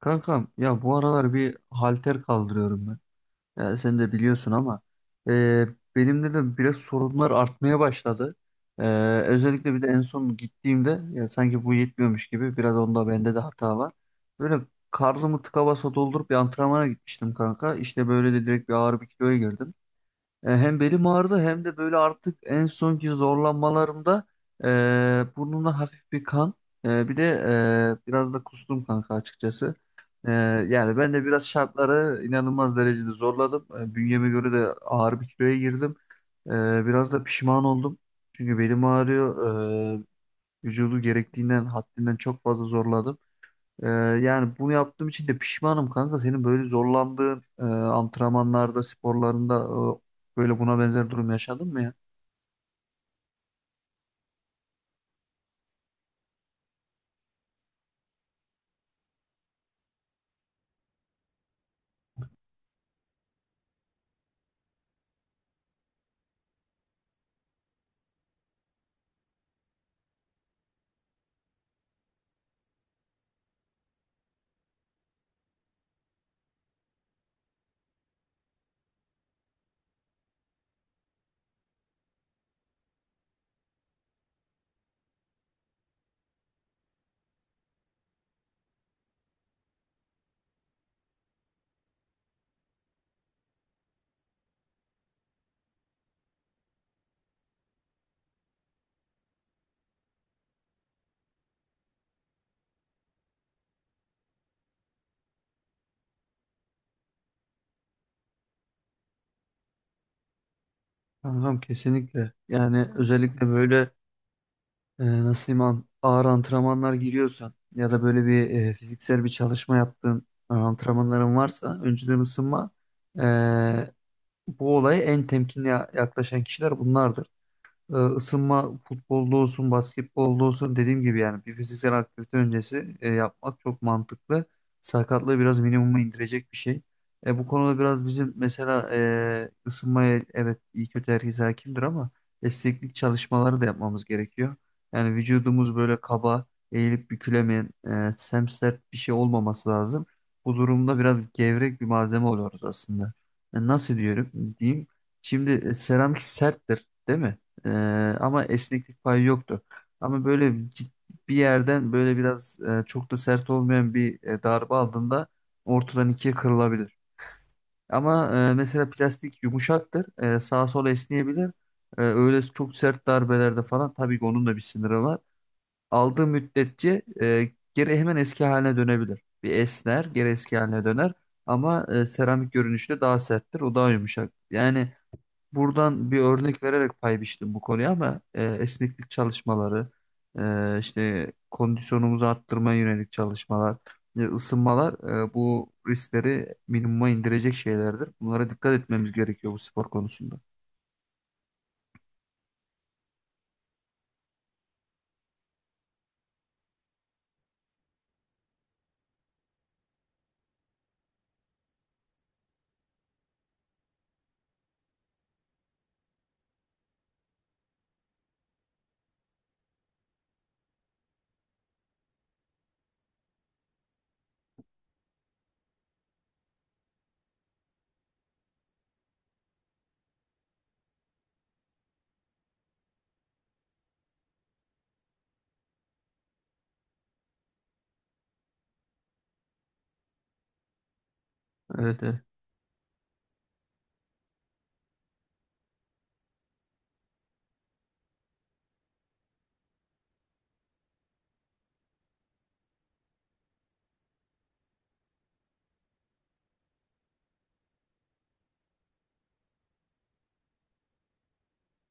Kankam ya bu aralar bir halter kaldırıyorum ben. Ya sen de biliyorsun ama e, benimde de biraz sorunlar artmaya başladı. E, özellikle bir de en son gittiğimde ya sanki bu yetmiyormuş gibi biraz onda bende de hata var. Böyle karnımı tıka basa doldurup bir antrenmana gitmiştim kanka. İşte böyle de direkt bir ağır bir kiloya girdim. Hem belim ağrıdı hem de böyle artık en sonki zorlanmalarımda burnumda hafif bir kan. Bir de biraz da kustum kanka açıkçası. E, yani ben de biraz şartları inanılmaz derecede zorladım. Bünyeme göre de ağır bir kiloya girdim. Biraz da pişman oldum. Çünkü belim ağrıyor. Vücudu gerektiğinden haddinden çok fazla zorladım. Ee, yani bunu yaptığım için de pişmanım kanka. Senin böyle zorlandığın antrenmanlarda, sporlarında böyle buna benzer durum yaşadın mı ya? Kankam, kesinlikle. Yani özellikle böyle nasıl diyeyim, ağır antrenmanlar giriyorsan ya da böyle bir fiziksel bir çalışma yaptığın antrenmanların varsa, önceden ısınma e, bu olaya en temkinli yaklaşan kişiler bunlardır. E, ısınma futbolda olsun, basketbolda olsun, dediğim gibi yani bir fiziksel aktivite öncesi yapmak çok mantıklı. Sakatlığı biraz minimuma indirecek bir şey. Bu konuda biraz bizim mesela ısınmaya evet iyi kötü herkes hakimdir ama esneklik çalışmaları da yapmamız gerekiyor. Yani vücudumuz böyle kaba, eğilip bükülemeyen, semsert bir şey olmaması lazım. Bu durumda biraz gevrek bir malzeme oluyoruz aslında. Nasıl diyorum diyeyim. Şimdi seramik serttir, değil mi? Ee, ama esneklik payı yoktu. Ama böyle bir yerden böyle biraz çok da sert olmayan bir darbe aldığında ortadan ikiye kırılabilir. Ama mesela plastik yumuşaktır. Sağa sola esneyebilir. Öyle çok sert darbelerde falan tabii ki onun da bir sınırı var. Aldığı müddetçe geri hemen eski haline dönebilir. Bir esner, geri eski haline döner. Ama seramik görünüşte daha serttir. O daha yumuşak. Yani buradan bir örnek vererek pay biçtim bu konuya ama esneklik çalışmaları, işte kondisyonumuzu arttırmaya yönelik çalışmalar, ısınmalar, bu riskleri minimuma indirecek şeylerdir. Bunlara dikkat etmemiz gerekiyor bu spor konusunda. Evet, evet,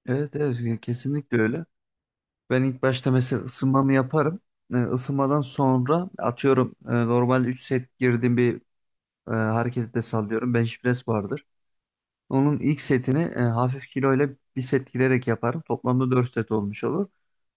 evet, evet, kesinlikle öyle. Ben ilk başta mesela ısınmamı yaparım. E, ısınmadan sonra atıyorum normal 3 set girdiğim bir hareketi de sallıyorum. Bench press vardır. Onun ilk setini hafif kiloyla bir set girerek yaparım. Toplamda 4 set olmuş olur.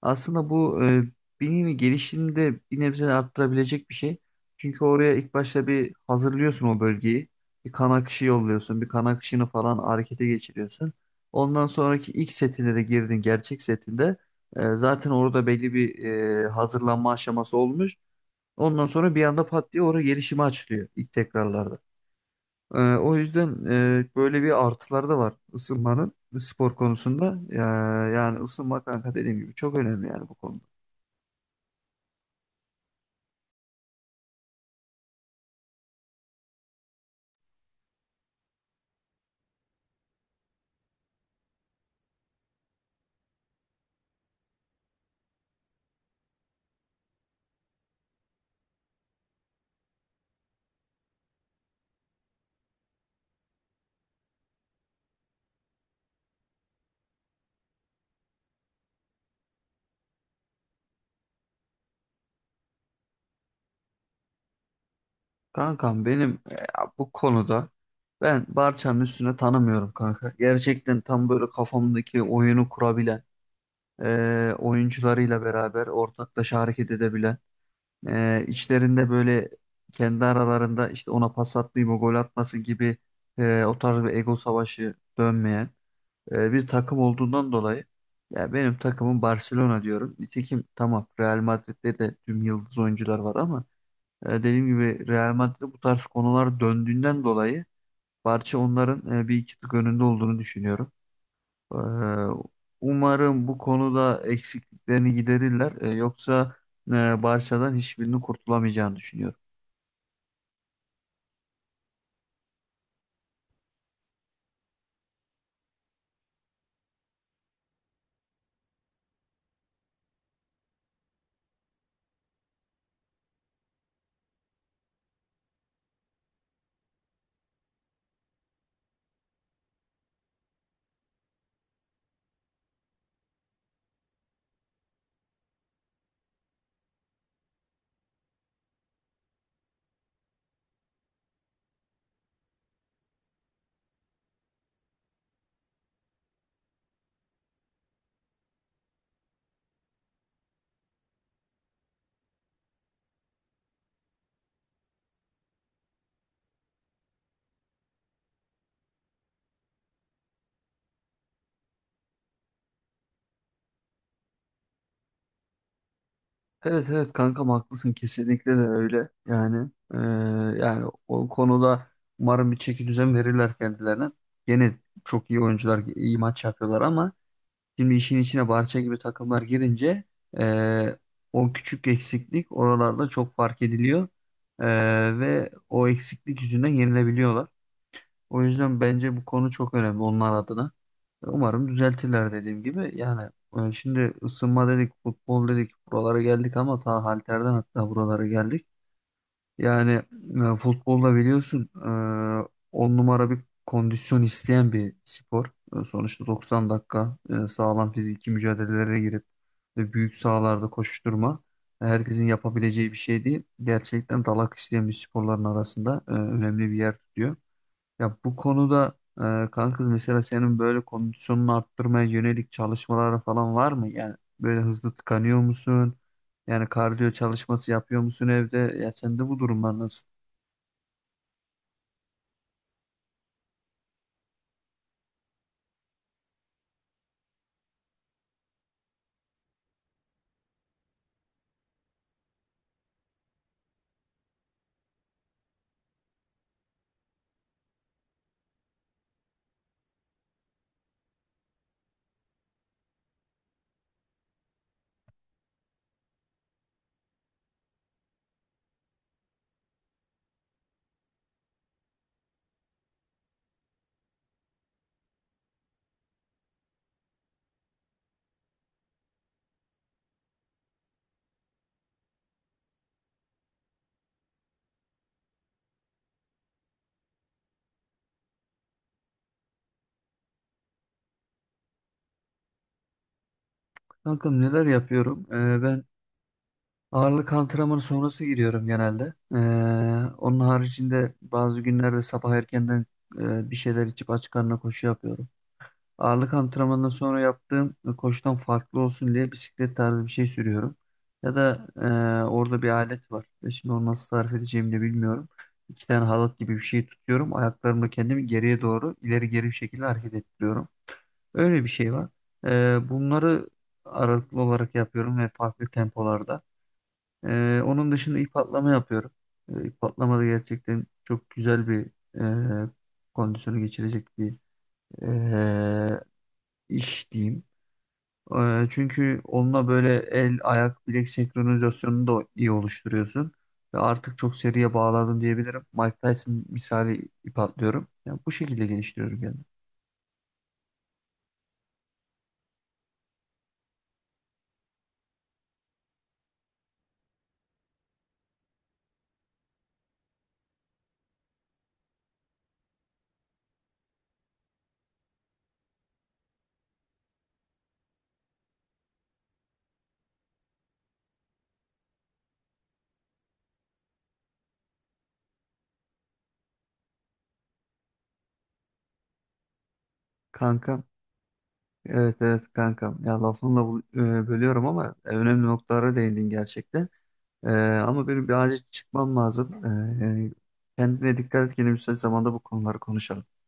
Aslında bu beynini gelişimini de bir nebze arttırabilecek bir şey. Çünkü oraya ilk başta bir hazırlıyorsun o bölgeyi. Bir kan akışı yolluyorsun. Bir kan akışını falan harekete geçiriyorsun. Ondan sonraki ilk setinde de girdin gerçek setinde. Zaten orada belli bir hazırlanma aşaması olmuş. Ondan sonra bir anda pat diye oraya gelişimi açılıyor ilk tekrarlarda. O yüzden böyle bir artıları da var ısınmanın spor konusunda. Ya, yani ısınma kanka dediğim gibi çok önemli yani bu konuda. Kankam, benim bu konuda ben Barça'nın üstüne tanımıyorum kanka. Gerçekten tam böyle kafamdaki oyunu kurabilen, oyuncularıyla beraber ortaklaşa hareket edebilen, içlerinde böyle kendi aralarında işte ona pas atmayayım o gol atmasın gibi o tarz bir ego savaşı dönmeyen bir takım olduğundan dolayı ya benim takımım Barcelona diyorum. Nitekim tamam, Real Madrid'de de tüm yıldız oyuncular var ama dediğim gibi Real Madrid'de bu tarz konular döndüğünden dolayı Barça onların bir iki tık önünde olduğunu düşünüyorum. E, umarım bu konuda eksikliklerini giderirler. Yoksa e, Barça'dan hiçbirini kurtulamayacağını düşünüyorum. Evet evet kankam, haklısın, kesinlikle de öyle yani. Yani o konuda umarım bir çeki düzen verirler kendilerine. Gene çok iyi oyuncular, iyi maç yapıyorlar ama şimdi işin içine Barça gibi takımlar girince eee, o küçük eksiklik oralarda çok fark ediliyor. Ve o eksiklik yüzünden yenilebiliyorlar. O yüzden bence bu konu çok önemli onlar adına. Umarım düzeltirler dediğim gibi. Yani şimdi ısınma dedik, futbol dedik, buralara geldik ama ta halterden hatta buralara geldik. Yani futbolda biliyorsun on numara bir kondisyon isteyen bir spor. Sonuçta 90 dakika sağlam fiziki mücadelelere girip ve büyük sahalarda koşuşturma herkesin yapabileceği bir şey değil. Gerçekten dalak isteyen bir sporların arasında önemli bir yer tutuyor. Ya bu konuda kanka mesela senin böyle kondisyonunu arttırmaya yönelik çalışmalar falan var mı? Yani böyle hızlı tıkanıyor musun? Yani kardiyo çalışması yapıyor musun evde? Ya sende bu durumlar nasıl? Kankam, neler yapıyorum? Ben ağırlık antrenmanı sonrası giriyorum genelde. Onun haricinde bazı günlerde sabah erkenden bir şeyler içip aç karnına koşu yapıyorum. Ağırlık antrenmanından sonra yaptığım koşudan farklı olsun diye bisiklet tarzı bir şey sürüyorum. Ya da orada bir alet var. Şimdi onu nasıl tarif edeceğimi de bilmiyorum. İki tane halat gibi bir şey tutuyorum. Ayaklarımla kendimi geriye doğru ileri geri bir şekilde hareket ettiriyorum. Öyle bir şey var. Bunları aralıklı olarak yapıyorum ve farklı tempolarda. Onun dışında ip atlama yapıyorum. E, ip atlama da gerçekten çok güzel bir e, kondisyonu geçirecek bir e, iş diyeyim. Çünkü onunla böyle el, ayak, bilek senkronizasyonunu da iyi oluşturuyorsun. Ve artık çok seriye bağladım diyebilirim. Mike Tyson misali ip atlıyorum. Yani bu şekilde geliştiriyorum kendimi. Kankam, evet evet kankam. Ya lafınla bölüyorum ama önemli noktalara değindin gerçekten. E, ama benim bir acil çıkmam lazım. Yani kendine dikkat et. Yine müsait zamanda bu konuları konuşalım.